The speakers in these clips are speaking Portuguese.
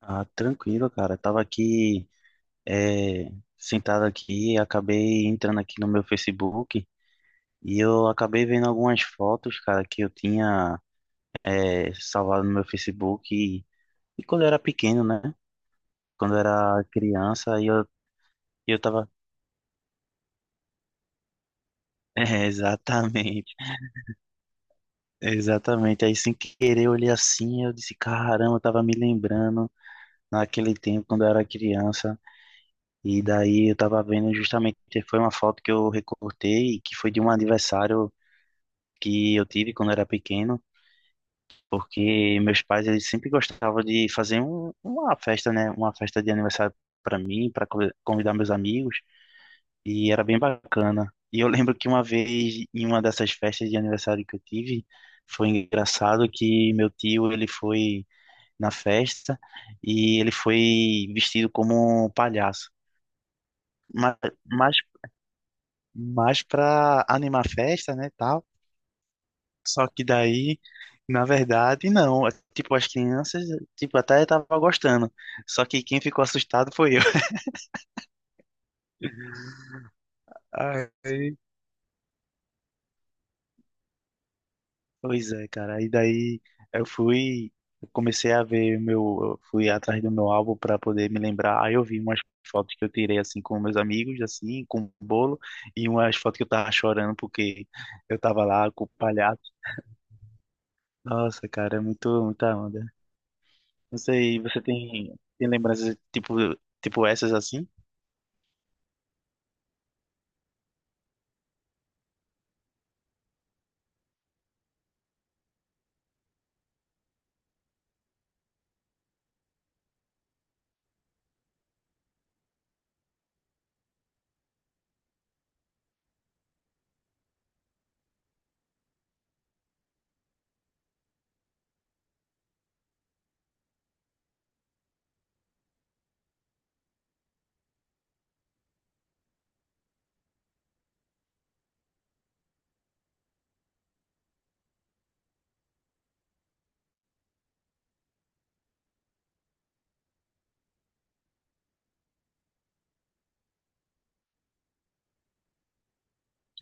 Ah, tranquilo, cara. Tava aqui, é, sentado aqui, acabei entrando aqui no meu Facebook e eu acabei vendo algumas fotos, cara, que eu tinha, salvado no meu Facebook e quando eu era pequeno, né? Quando eu era criança, eu tava. É, exatamente. Aí sem querer eu olhei assim, eu disse, caramba, eu tava me lembrando naquele tempo quando eu era criança. E daí eu tava vendo justamente, foi uma foto que eu recortei, que foi de um aniversário que eu tive quando eu era pequeno, porque meus pais, eles sempre gostavam de fazer uma festa, né? Uma festa de aniversário para mim, para convidar meus amigos, e era bem bacana. E eu lembro que uma vez, em uma dessas festas de aniversário que eu tive, foi engraçado que meu tio, ele foi na festa e ele foi vestido como um palhaço. Mas, mas mais pra animar a festa, né, tal. Só que daí, na verdade, não. É, tipo, as crianças, tipo, até tava gostando. Só que quem ficou assustado foi eu. Aí, pois é, cara. Aí daí eu fui, eu comecei a ver meu, eu fui atrás do meu álbum para poder me lembrar. Aí eu vi umas fotos que eu tirei assim com meus amigos, assim, com um bolo, e umas fotos que eu tava chorando porque eu tava lá com o palhaço. Nossa, cara, é muito, muita onda. Não sei, tem lembranças tipo, tipo essas assim?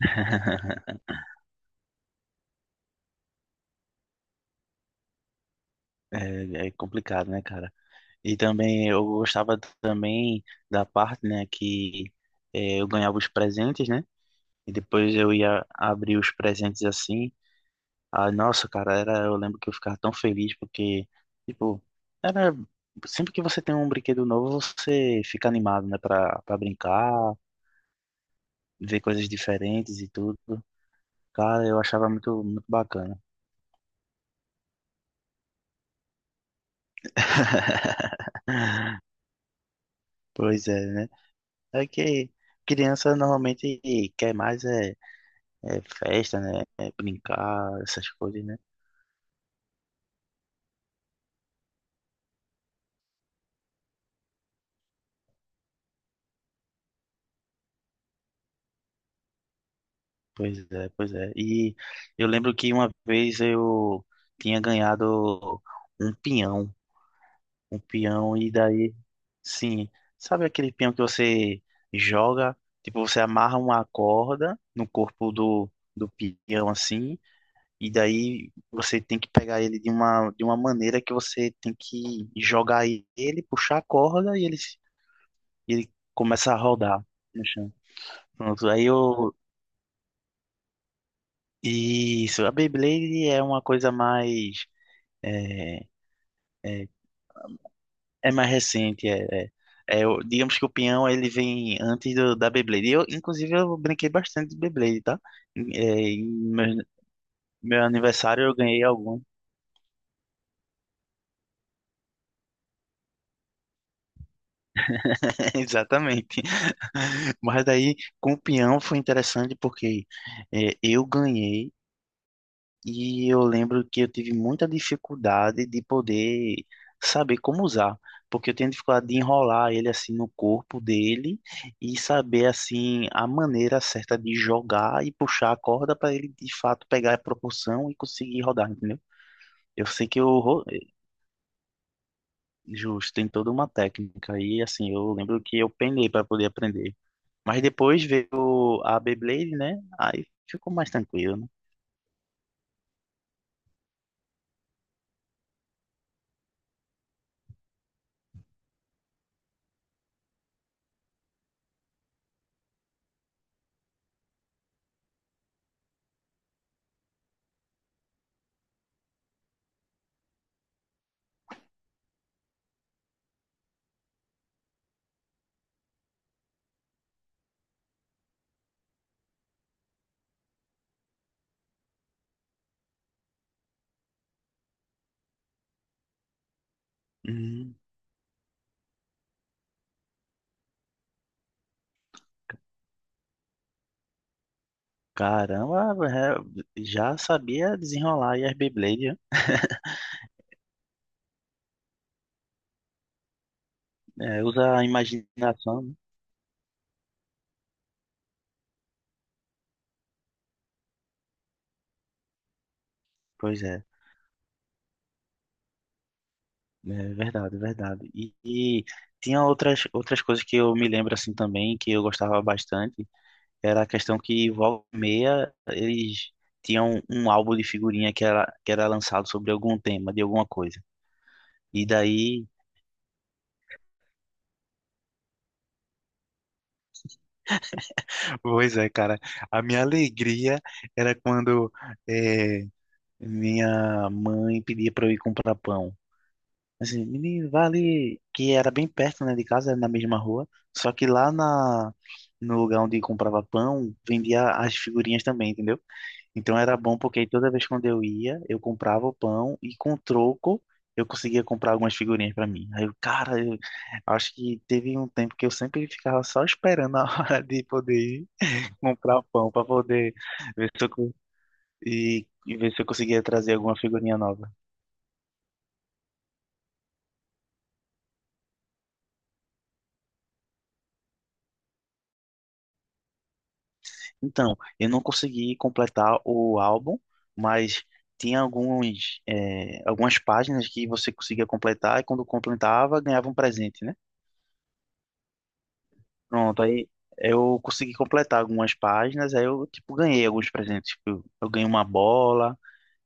É, é complicado, né, cara? E também eu gostava também da parte, né, que eu ganhava os presentes, né? E depois eu ia abrir os presentes assim. Ah, nossa, cara, era, eu lembro que eu ficava tão feliz porque, tipo, era sempre que você tem um brinquedo novo, você fica animado, né, pra brincar, ver coisas diferentes e tudo. Cara, eu achava muito, muito bacana. Pois é, né? É que criança normalmente quer mais é, é festa, né? É brincar, essas coisas, né? Pois é, pois é. E eu lembro que uma vez eu tinha ganhado um peão, um peão, e daí, sim, sabe aquele peão que você joga, tipo, você amarra uma corda no corpo do peão assim. E daí você tem que pegar ele de de uma maneira que você tem que jogar ele, puxar a corda e ele, se- e ele começa a rodar no chão. Pronto, aí eu. Isso, a Beyblade é uma coisa mais. É, é, é mais recente. É o- digamos que o peão ele vem antes da Beyblade. Eu, inclusive, eu brinquei bastante de Beyblade, tá? É, meu aniversário eu ganhei algum. Exatamente. Mas daí, com o peão foi interessante porque eu ganhei e eu lembro que eu tive muita dificuldade de poder saber como usar, porque eu tenho dificuldade de enrolar ele assim no corpo dele e saber assim a maneira certa de jogar e puxar a corda para ele de fato pegar a proporção e conseguir rodar, entendeu? Eu sei é, justo, tem toda uma técnica e assim, eu lembro que eu penei para poder aprender. Mas depois veio a Beyblade, né? Aí ficou mais tranquilo, né? Hum, caramba, é, já sabia desenrolar aí as Beyblade, né? É, usa a imaginação, né? Pois é, é verdade, verdade. E tinha outras, outras coisas que eu me lembro assim também, que eu gostava bastante, era a questão que volta e meia eles tinham um álbum de figurinha que era lançado sobre algum tema, de alguma coisa. E daí pois é, cara. A minha alegria era quando eh, minha mãe pedia para eu ir comprar pão. Assim, menino, vai ali, que era bem perto, né, de casa, era na mesma rua. Só que no lugar onde comprava pão, vendia as figurinhas também, entendeu? Então era bom porque aí toda vez quando eu ia, eu comprava o pão e com troco eu conseguia comprar algumas figurinhas para mim. Aí eu, cara, eu acho que teve um tempo que eu sempre ficava só esperando a hora de poder ir comprar um pão para poder ver se eu, co- e ver se eu conseguia trazer alguma figurinha nova. Então, eu não consegui completar o álbum, mas tinha algumas páginas que você conseguia completar e quando completava ganhava um presente, né? Pronto, aí eu consegui completar algumas páginas, aí eu tipo ganhei alguns presentes. Tipo, eu ganhei uma bola.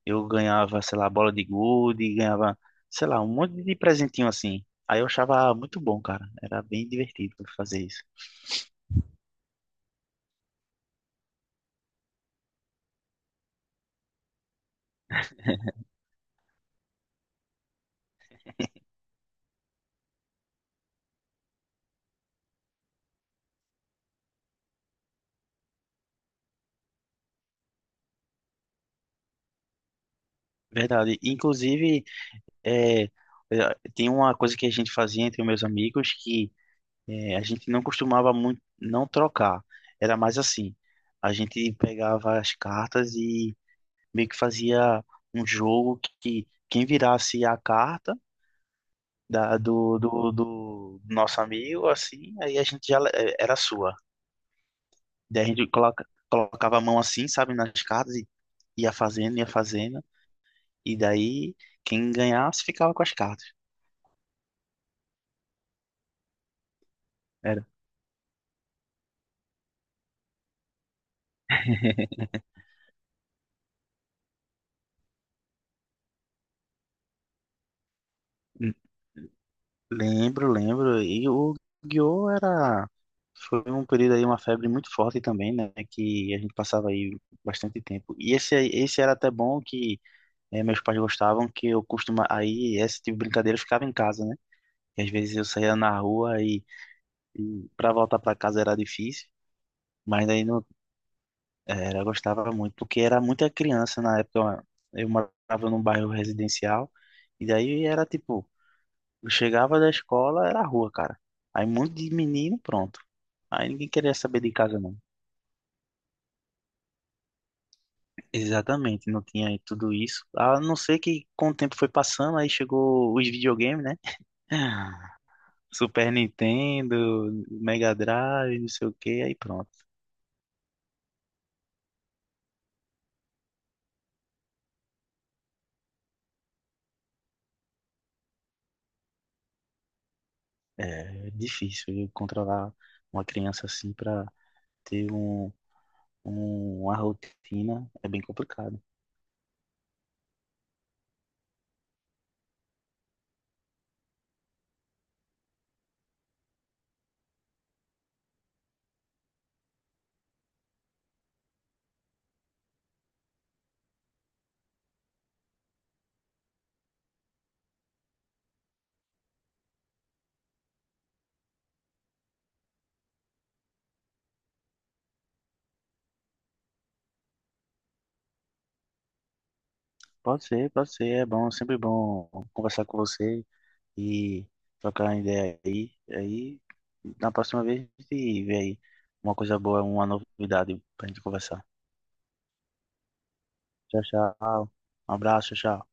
Eu ganhava, sei lá, bola de gude, ganhava, sei lá, um monte de presentinho assim. Aí eu achava muito bom, cara. Era bem divertido fazer isso. Verdade. Inclusive, é, é, tem uma coisa que a gente fazia entre meus amigos que é, a gente não costumava muito não trocar. Era mais assim. A gente pegava as cartas e meio que fazia um jogo que quem virasse a carta do nosso amigo, assim, aí a gente já le- era sua. Daí a gente colocava a mão assim, sabe, nas cartas e ia fazendo. E daí quem ganhasse ficava com as cartas. Era. Hum, Lembro, lembro. E o Yu-Gi-Oh! Era. Foi um período aí, uma febre muito forte também, né? Que a gente passava aí bastante tempo. E esse era até bom que meus pais gostavam, que eu costuma aí, esse tipo de brincadeira eu ficava em casa, né? E às vezes eu saía na rua e para voltar para casa era difícil. Mas aí no, Era, eu gostava muito, porque era muita criança na época. Eu morava num bairro residencial, e daí era tipo, eu chegava da escola, era rua, cara. Aí um monte de menino, pronto. Aí ninguém queria saber de casa, não. Exatamente, não tinha aí tudo isso. A não ser que com o tempo foi passando, aí chegou os videogames, né? Super Nintendo, Mega Drive, não sei o que, aí pronto. É difícil viu, controlar uma criança assim pra ter uma rotina é bem complicado. Pode ser, é bom, sempre bom conversar com você e trocar uma ideia aí. Aí, na próxima vez, a gente vê aí uma coisa boa, uma novidade pra gente conversar. Tchau, tchau. Um abraço, tchau.